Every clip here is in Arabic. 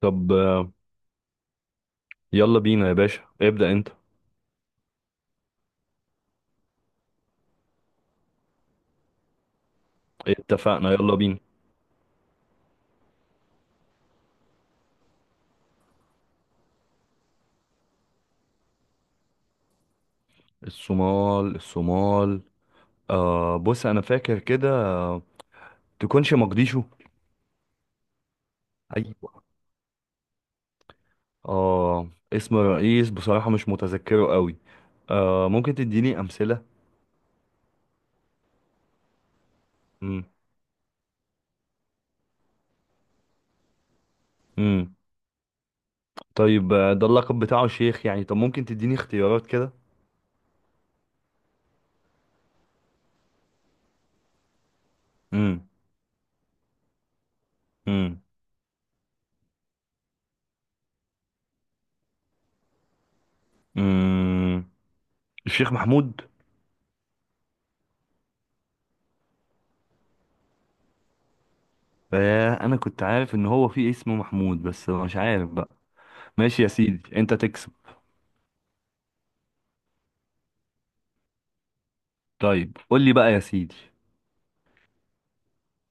طب، يلا بينا يا باشا، ابدأ انت. اتفقنا، يلا بينا. الصومال الصومال. بص، انا فاكر كده، تكونش مقديشو؟ ايوه. اه، اسم الرئيس بصراحة مش متذكره قوي. ممكن تديني امثلة؟ امم. امم طيب، ده اللقب بتاعه شيخ يعني، طب ممكن تديني اختيارات كده؟ امم امم امم الشيخ محمود. انا كنت عارف ان هو في اسمه محمود، بس مش عارف بقى. ماشي يا سيدي، انت تكسب. طيب، قول لي بقى يا سيدي،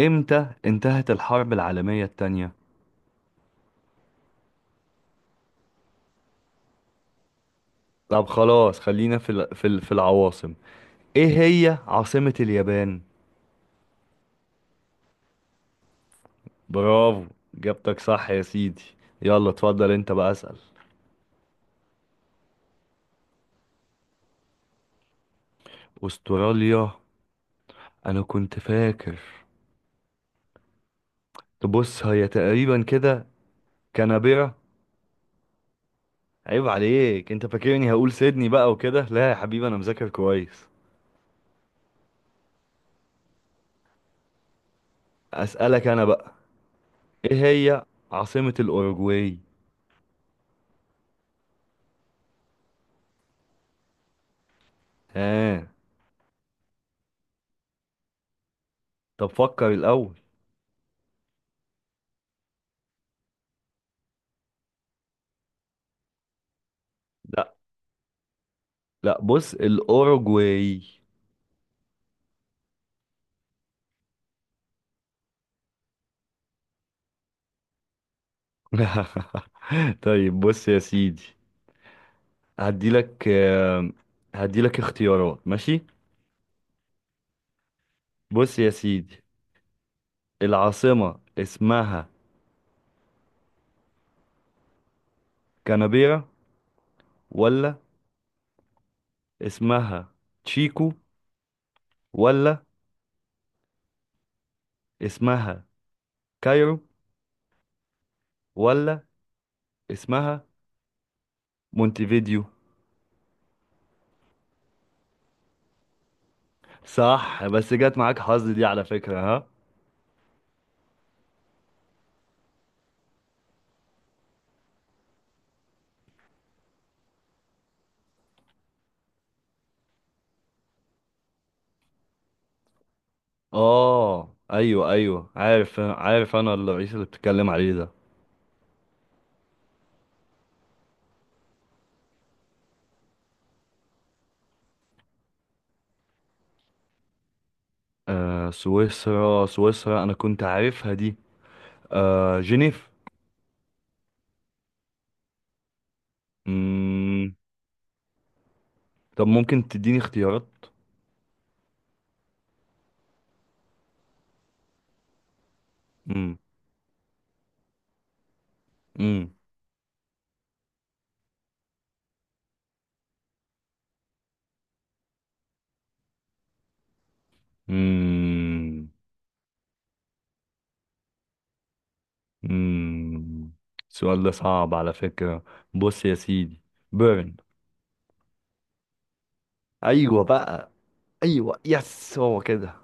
امتى انتهت الحرب العالمية التانية؟ طب خلاص، خلينا في العواصم. ايه هي عاصمة اليابان؟ برافو، جبتك صح يا سيدي. يلا، اتفضل انت بقى، اسأل. استراليا، انا كنت فاكر. تبص هي تقريبا كده، كانبرا. عيب عليك، انت فاكرني هقول سيدني بقى وكده؟ لا يا حبيبي، انا مذاكر كويس. اسألك انا بقى، ايه هي عاصمة الاوروجواي؟ ها؟ طب، فكر الاول. لا لا، بص، الأوروجواي. طيب، بص يا سيدي، هديلك آه، هديلك اختيارات، ماشي؟ بص يا سيدي، العاصمة اسمها كانبيرا، ولا اسمها تشيكو، ولا اسمها كايرو، ولا اسمها مونتيفيديو؟ صح، بس جت معاك حظ دي على فكرة، ها. اه ايوه ايوه، عارف عارف، انا الرئيس اللي بتتكلم عليه ده. سويسرا سويسرا، انا كنت عارفها دي. جنيف. مم. طب ممكن تديني اختيارات؟ مم. مم. مم. مم. السؤال ده صعب على فكرة. بص يا سيدي، بيرن. ايوه بقى. ايوه، يس، هو كده.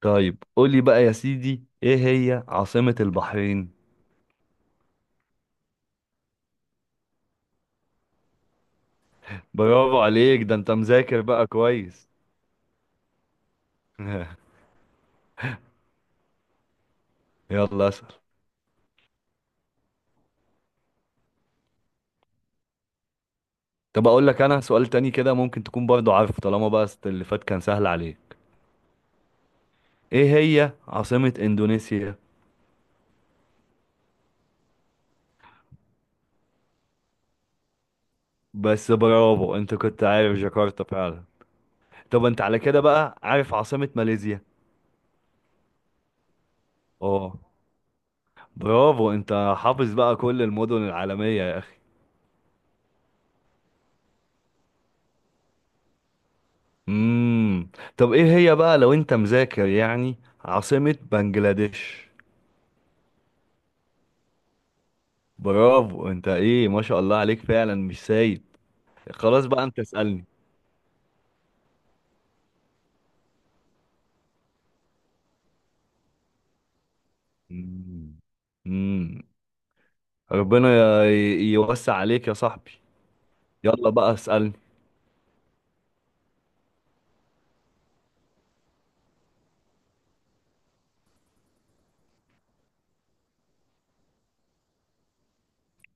طيب، قولي بقى يا سيدي، ايه هي عاصمة البحرين؟ برافو عليك، ده انت مذاكر بقى كويس. يلا، اسأل. طب اقول لك انا سؤال تاني كده، ممكن تكون برضو عارفه طالما بقى، اللي فات كان سهل عليك. ايه هي عاصمة اندونيسيا؟ بس برافو، انت كنت عارف جاكرتا فعلا. طب انت على كده بقى عارف عاصمة ماليزيا؟ اه. برافو، انت حافظ بقى كل المدن العالمية يا اخي. امم. طب ايه هي بقى لو انت مذاكر يعني، عاصمة بنجلاديش؟ برافو، انت ايه، ما شاء الله عليك فعلا، مش سايب. خلاص بقى، انت اسألني. مم. ربنا يوسع عليك يا صاحبي. يلا بقى، اسألني.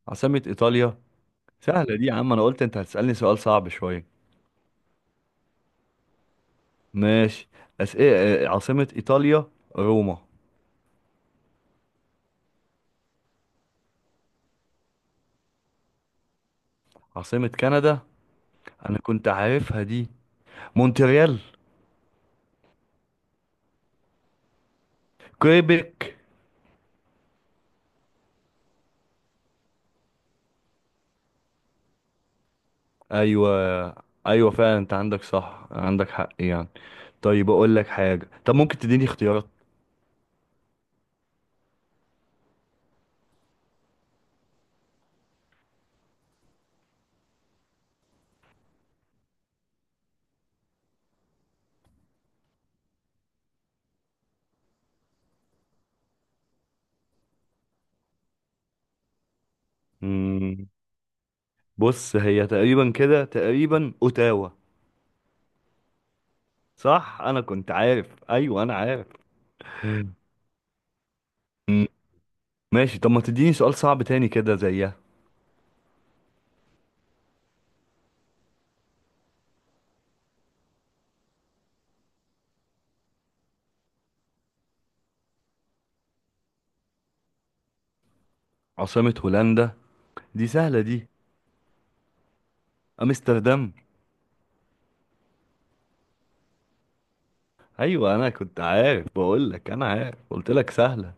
عاصمة إيطاليا. سهلة دي يا عم، أنا قلت أنت هتسألني سؤال صعب شوية. ماشي. إيه، عاصمة إيطاليا، روما. عاصمة كندا. أنا كنت عارفها دي. مونتريال. كويبك. أيوة أيوة، فعلا أنت عندك صح، عندك حق يعني. طيب أقول لك حاجة، طب ممكن تديني اختيارات؟ مم. بص، هي تقريبا كده، تقريبا أوتاوا. صح، أنا كنت عارف، أيوة أنا عارف. مم. ماشي، طب ما تديني سؤال صعب تاني كده زيها. عاصمة هولندا. دي سهلة دي. أمستردام. أيوة، أنا كنت عارف، بقول لك أنا عارف، قلت لك سهلة.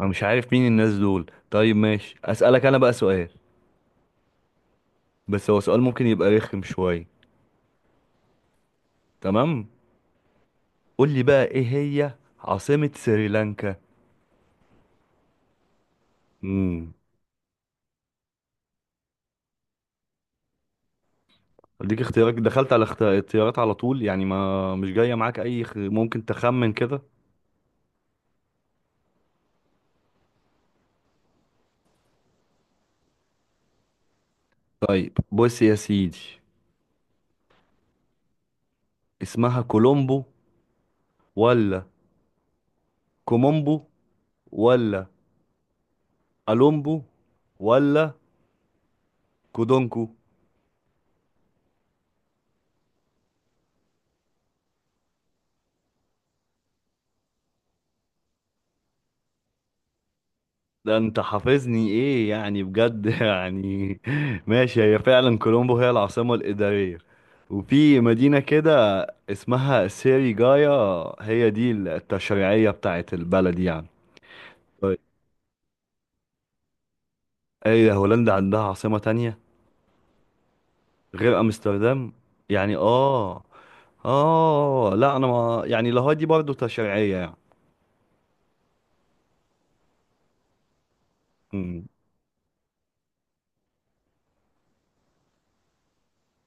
أنا مش عارف مين الناس دول. طيب ماشي، أسألك أنا بقى سؤال. بس هو سؤال ممكن يبقى رخم شوية. تمام. قول لي بقى، إيه هي عاصمة سريلانكا؟ امم. أديك اختيارات؟ دخلت على اختيارات على طول يعني، ما مش جاية معاك أي ممكن تخمن كده. طيب بص يا سيدي، اسمها كولومبو، ولا كومومبو، ولا ألومبو، ولا كودونكو؟ ده انت حافظني ايه يعني، بجد يعني. ماشي، هي فعلا كولومبو هي العاصمة الإدارية. وفي مدينة كده اسمها سيريجايا، هي دي التشريعية بتاعت البلد يعني. طيب، ايه ده هولندا عندها عاصمة تانية غير أمستردام يعني؟ اه. اه لا، انا ما يعني، لاهاي دي برضه تشريعية يعني.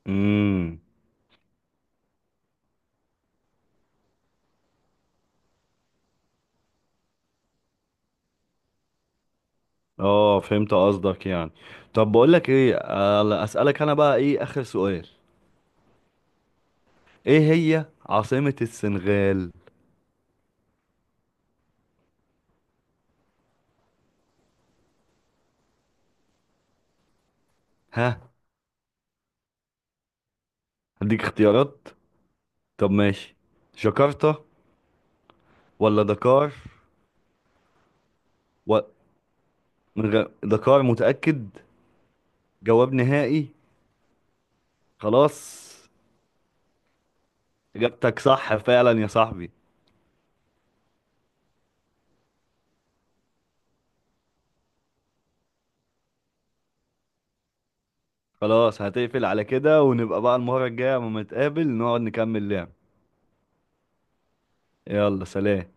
امم. اه، فهمت قصدك يعني. طب بقولك ايه، اسألك انا بقى، ايه اخر سؤال. ايه هي عاصمة السنغال؟ ها. هديك اختيارات. طب ماشي، جاكرتا ولا دكار؟ و... دكار، متأكد. جواب نهائي. خلاص. اجابتك صح فعلا يا صاحبي. خلاص، هتقفل على كده، ونبقى بقى المرة الجاية لما نتقابل نقعد نكمل لعب. يلا، سلام.